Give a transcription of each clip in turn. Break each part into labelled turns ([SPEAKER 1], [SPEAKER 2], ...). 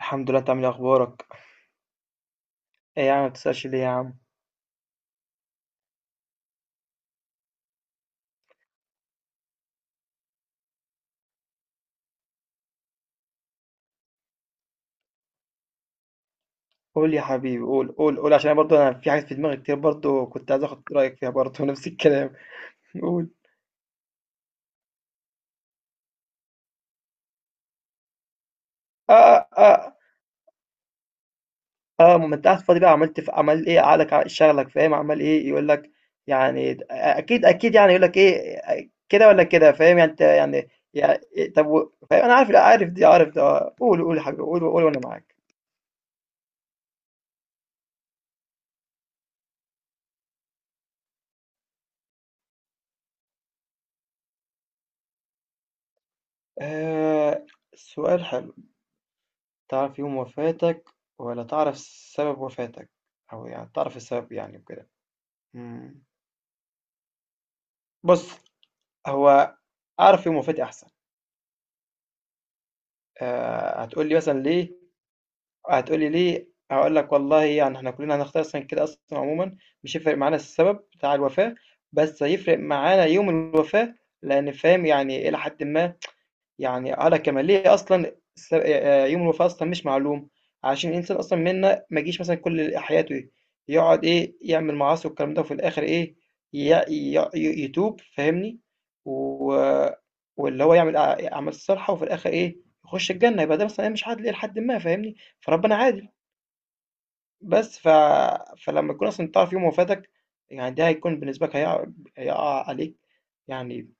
[SPEAKER 1] الحمد لله، انت عامل ايه؟ اخبارك؟ ايه يا عم؟ ما بتسألش ليه يا عم؟ قول يا حبيبي، قول قول قول، عشان برضه انا في حاجات في دماغي كتير، برضه كنت عايز اخد رايك فيها برضه نفس الكلام. قول. اه، اه، اه. اه، ما انت قاعد فاضي بقى، عملت في عمل ايه عقلك، شغلك، فاهم؟ عمل ايه يقول لك؟ يعني اكيد اكيد، يعني يقول لك ايه كده ولا كده، فاهم؟ يعني انت يعني إيه، طب فاهم، انا عارف لا عارف دي عارف ده، قول قول يا حبيبي، قول قول، وانا معاك. آه، سؤال حلو. تعرف يوم وفاتك ولا تعرف سبب وفاتك؟ أو يعني تعرف السبب يعني وكده. إمم. بُص، هو أعرف يوم وفاتي أحسن. هتقول لي مثلًا ليه؟ هتقول لي ليه، هاقول لك والله، يعني إحنا كُلّنا هنختار أصلًا كده أصلًا عمومًا، مش هيفرق معانا السبب بتاع الوفاة، بس هيفرق معانا يوم الوفاة، لإن فاهم يعني إلى حدٍ ما. يعني على كمال ليه أصلا يوم الوفاة أصلا مش معلوم، عشان الإنسان أصلا منا ما يجيش مثلا كل حياته يقعد إيه يعمل معاصي والكلام ده، وفي الآخر إيه، يتوب، فاهمني؟ و... واللي هو يعمل أعمال الصالحة، وفي الآخر إيه، يخش الجنة، يبقى ده مثلا إيه، مش عادل إيه لحد ما، فاهمني؟ فربنا عادل. بس فلما يكون أصلا تعرف يوم وفاتك، يعني ده هيكون بالنسبة لك، هيقع عليك، يعني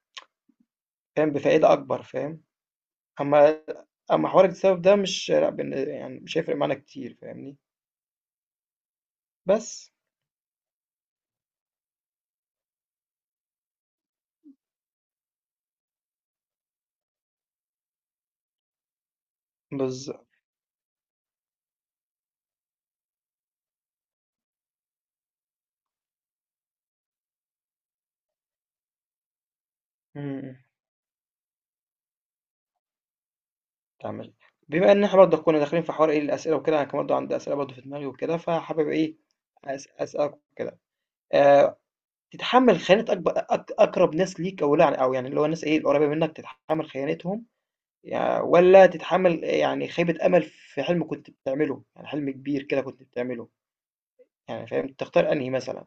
[SPEAKER 1] فاهم، بفائدة أكبر، فاهم؟ أمّا أمّا حوار السبب ده، مش لأ بن يعني مش هيفرق معانا كتير، فاهمني. بس بالض إمم، إمم، تمام. بما إن إحنا برضه كنا داخلين في حوار إيه الأسئلة وكده، أنا كان برضه عندي أسئلة برضه في دماغي وكده، فحابب إيه أسألك وكده. آآ، تتحمّل خيانة أكب أك أقرب ناس ليك أو لأ، أو يعني اللي هو الناس إيه القريبة منك، تتحمّل خيانتهم، والّا تتحمّل يعني خيبة أمل في حلم كنت بتعمله، يعني حلم كبير كده كنت بتعمله، يعني فاهم، تختار أنهي مثلًا؟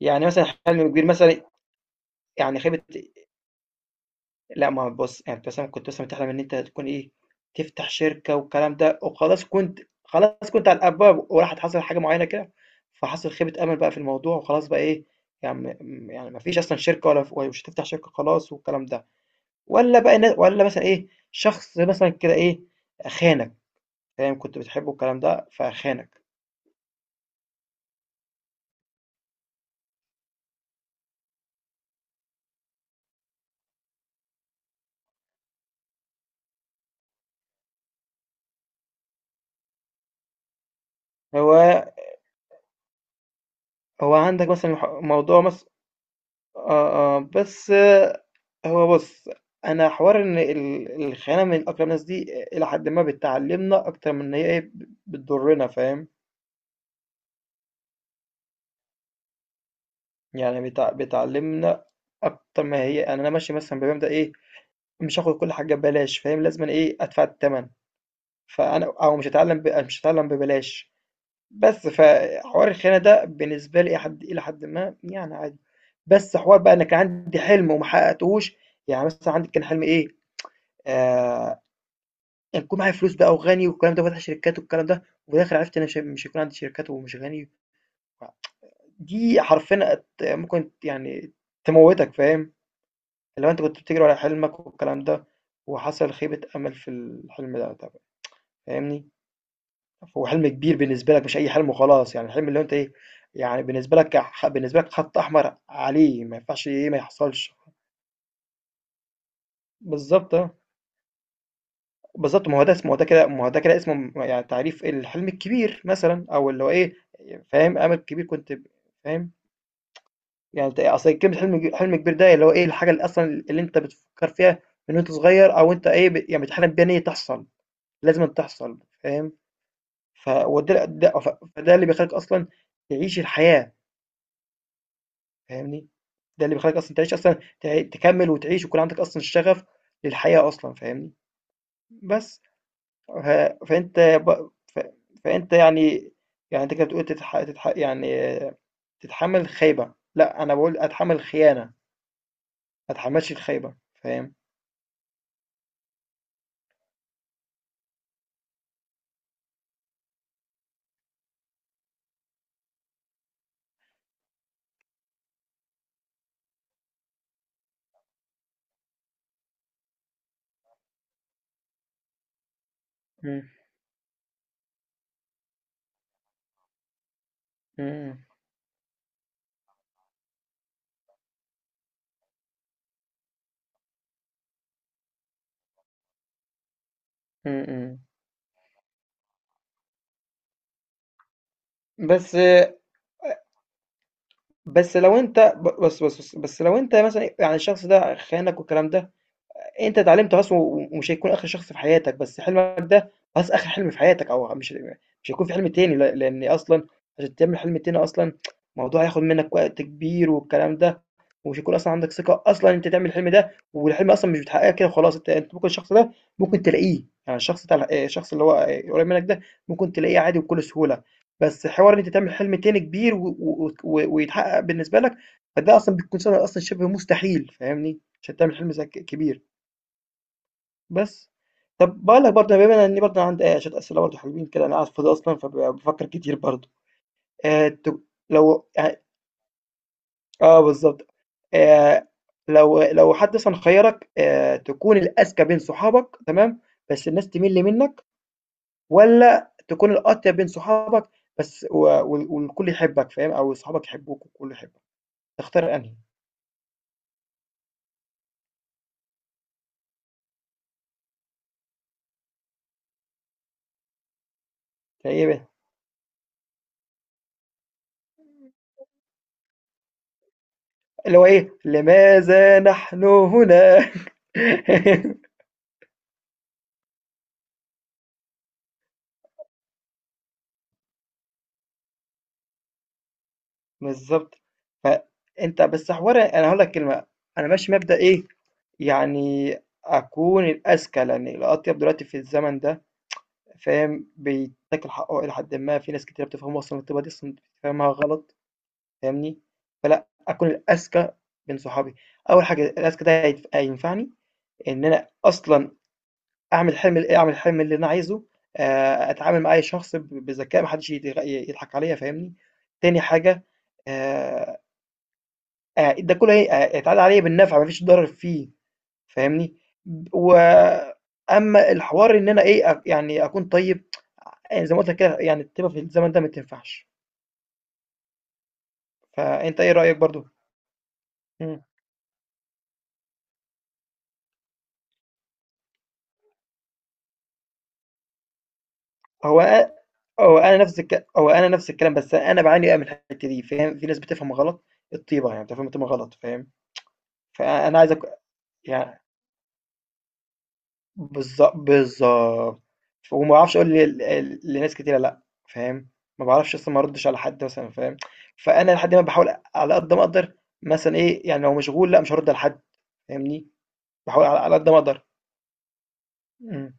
[SPEAKER 1] يعني مثلًا حلم كبير مثلًا. يعني خيبة لأ، ما هو بُص، يعني أنت مثلًا كنت مثلًا بتحلم إن أنت تكون إيه، تفتح شركة والكلام ده، وخلاص كنت خلاص كنت على الأبواب، وراحت حصلت حاجة معيّنة كده، فحصل خيبة أمل بقى في الموضوع وخلاص بقى إيه، يعني م م يعني ما فيش أصلًا شركة ولا ومش هتفتح شركة خلاص والكلام ده، والّا بقى والّا مثلًا إيه، شخص مثلًا كده إيه، خانك، فاهم، كنت بتحبه والكلام ده فخانك. هو هو عندك مثلًا ح موضوع مث آه، آه، بس آه، هو بُص، أنا حوار إن الخيانة من أقرب الناس دي إلى حدٍ ما بتعلّمنا أكتر من إن هي إيه، بتضرنا، فاهم، يعني بتعلّمنا أكتر ما هي، يعني أنا ماشي مثلًا بمبدأ إيه، مش هاخد كل حاجة ببلاش، فاهم، لازمًا إيه، أدفع التمن. فأنا أو مش هاتعلّم ببلاش، بس فحوار الخيانة ده بالنسبة لي إلى حدٍ ما يعني عادي، بس حوار بقى أنا كان عندي حلم وما حققتهوش، يعني مثلًا عندي كان حلمي إيه، آآ أكون معايا فلوس بقى وغني والكلام ده وفاتح شركات والكلام ده، وفي الآخر عرفت أنا مش هيكون عندي شركات ومش غني، دي حرفيًا ممكن يعني تموّتك، فاهم، اللي هو أنت كنت بتجري ورا حلمك والكلام ده، وحصل خيبة أمل في الحلم ده طبعًا، فاهمني، هو حلم كبير بالنسبة لك، مش أي حلم وخلاص، يعني الحلم اللي هو أنت إيه، يعني بالنسبة لك خط أحمر عليه ما ينفعش إيه ما يحصلش. بالضبط آه. بالضبط، ما هو ده كده اسمه يعني تعريف الحلم الكبير مثلًا، أو اللي هو إيه، فاهم، أمل كبير كنت فاهم، يعني أنت أصل كلمة حلم كبير ده اللي هو إيه، الحاجة اللي أصلًا اللي أنت بتفكّر فيها من وأنت صغير، أو أنت إيه، يعني بتحلم بيها إن هي تحصل، لازمًا تحصل، فاهم. ف وده ده ف فده اللي بيخلّيك أصلًا تعيش الحياة، فاهمني، ده اللي بيخلّيك أصلًا تعيش أصلًا تكمّل وتعيش ويكون عندك أصلًا الشغف للحياة أصلًا، فاهمني. بس. ف... فأنت ب... ف... فأنت يعني، يعني أنت كده بتقول يعني آه، تتحمل خيبة لا، أنا بقول أتحمل خيانة، ما أتحملش الخيبة، فاهم. مم. مم. مم. بس، بس لو أنت ب- بس بس بس, بس لو أنت مثلا يعني الشخص ده خانك والكلام ده، أنت اتعلمت خلاص، و ومش هيكون آخر شخص في حياتك، بس حلمك ده خلاص آخر حلم في حياتك، أو مش هيكون في حلم تاني، لإن أصلًا عشان تعمل حلم تاني أصلًا الموضوع هياخد منك وقت كبير والكلام ده، ومش هيكون أصلًا عندك ثقة أصلًا أنت تعمل الحلم ده، والحلم أصلًا مش بتحققه كده وخلاص، أنت ممكن الشخص ده ممكن تلاقيه، يعني الشخص بتاع الشخص اللي هو قريب منك ده، ممكن تلاقيه عادي وبكل سهولة، بس حوار إن أنت تعمل حلم تاني كبير و و و ويتحقق بالنسبة لك، فده أصلًا بيكون سنة أصلًا شبه مستحيل، فاهمني؟ عشان تعمل حلم زي كبير. بس. طب باقول لك برضه، بما إني برضه عندي ايه شوية أسئلة برضه حلوين كده، أنا قاعد فاضي أصلًا فبافكر كتير برضه. ت لو يعني، آه بالضبط. آآ لو حد مثلًا خيّرك، تكون الأذكى بين صحابك، تمام، بس الناس تمِل منّك، والّا تكون الأطيب بين صحابك، بس و وال والكل يحبك، فاهم؟ أو صحابك يحبوك والكل يحبك، تختار أنهي؟ فإيه بقى اللي هو إيه، لماذا نحن هنا؟ بالضبط. فأنت بس حوار أنا هاقول لك كلمة، أنا ماشي مبدأ إيه، يعني أكون الأذكى، لأن الأطيب دلوقتي في الزمن ده فاهم، بيتاكل حقه إلى حدٍ ما، في ناس كتيرة بتفهمه أصلًا، الطيبة دي أصلًا فاهمها غلط، فاهمني، فلأ، أكون الأذكى بين صحابي. أول حاجة الأذكى ده هينفعني إن أنا أصلًا أعمل الحلم اللي أنا عايزه، أتعامل مع أي شخص بذكاء، ما حدش يضحك عليَّ، فاهمني، تاني حاجة، آآ ده كله هي يتعاد عليَّ بالنفع، ما فيش ضرر فيه، فاهمني؟ وأمّا الحوار إن أنا إيه، يعني أكون طيب، زي ما قُلت لك كده، يعني الطيبة في الزمن ده ما تنفعش، فأنت إيه رأيك برضه؟ إمم، هو أ هو أنا نفس الكلام، بس أنا باعاني بقى من الحتّة دي، فاهم؟ في ناس بتفهم غلط الطيبة، يعني بتفهم الطيبة غلط، فاهم؟ فأنا عايزك يع بالض بالضبط. وما باعرفش أقول ل ل لناس كتيرة لأ، فاهم، ما باعرفش أصلًا ما أردش على حد مثلًا، فاهم، فأنا لحد ما باحاول على قد ما أقدر مثلًا إيه، يعني لو مشغول لأ، مش هارُد على حد، فاهمني، باحاول على قد ما أقدر. إمم،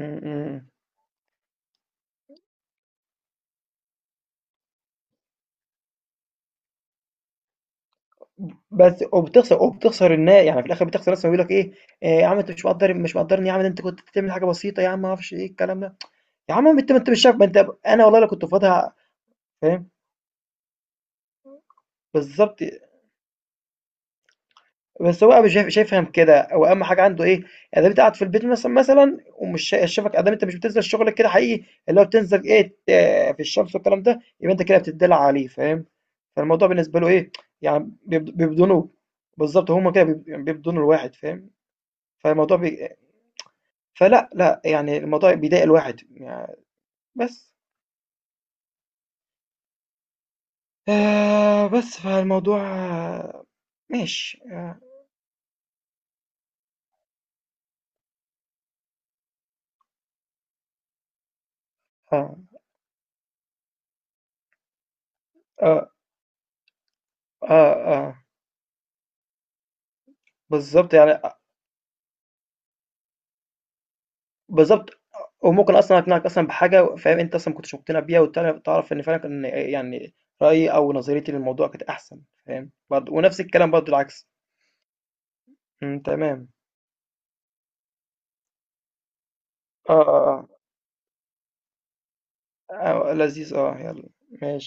[SPEAKER 1] إمم، إمم، إمم. بس وبتخسر وبتخسر النا يعني في الآخر بتخسر الناس لمّا بيقولوا لك إيه، إيه "يا عم أنت مش مقدّرني يا عم، ده أنت كنت بتعمل حاجة بسيطة يا عم." ما أعرفش إيه الكلام ده، "يا عم ما أنت مش شايف ما أنت"، أنا والله لو كنت في وضع، فاهم، بالضبط. بس هو مش شايف، فاهم كده، هو اهم حاجه عنده ايه، يعني انت قاعد في البيت مثلا ومش شايفك ادام، انت مش بتنزل شغلك كده حقيقي، اللي هو بتنزل ايه، في الشمس والكلام ده، يبقى انت كده بتدلع عليه، فاهم؟ فالموضوع بالنسبه له ايه، يعني بيبدونه، بالظبط، هما كده يعني بيبدونوا الواحد، فاهم. فالموضوع بي... فلا، لا، يعني الموضوع بيضايق الواحد يعني، بس آه، بس فالموضوع آه، ماشي آه، آه، آه، آه، آه، بالظبط يعني، بالضبط، وممكن أصلًا أقنعك أصلًا بحاجة، فاهم، أنت أصلًا ما كنتش مقتنع بيها تعرف إن فعلًا كان يعني رأيي أو نظريتي للموضوع كانت أحسن، فاهم، برضه ونفس الكلام برضه العكس. إمم، تمام، آه، آه، آه، آه، لذيذ آه، يالّا، ماشي.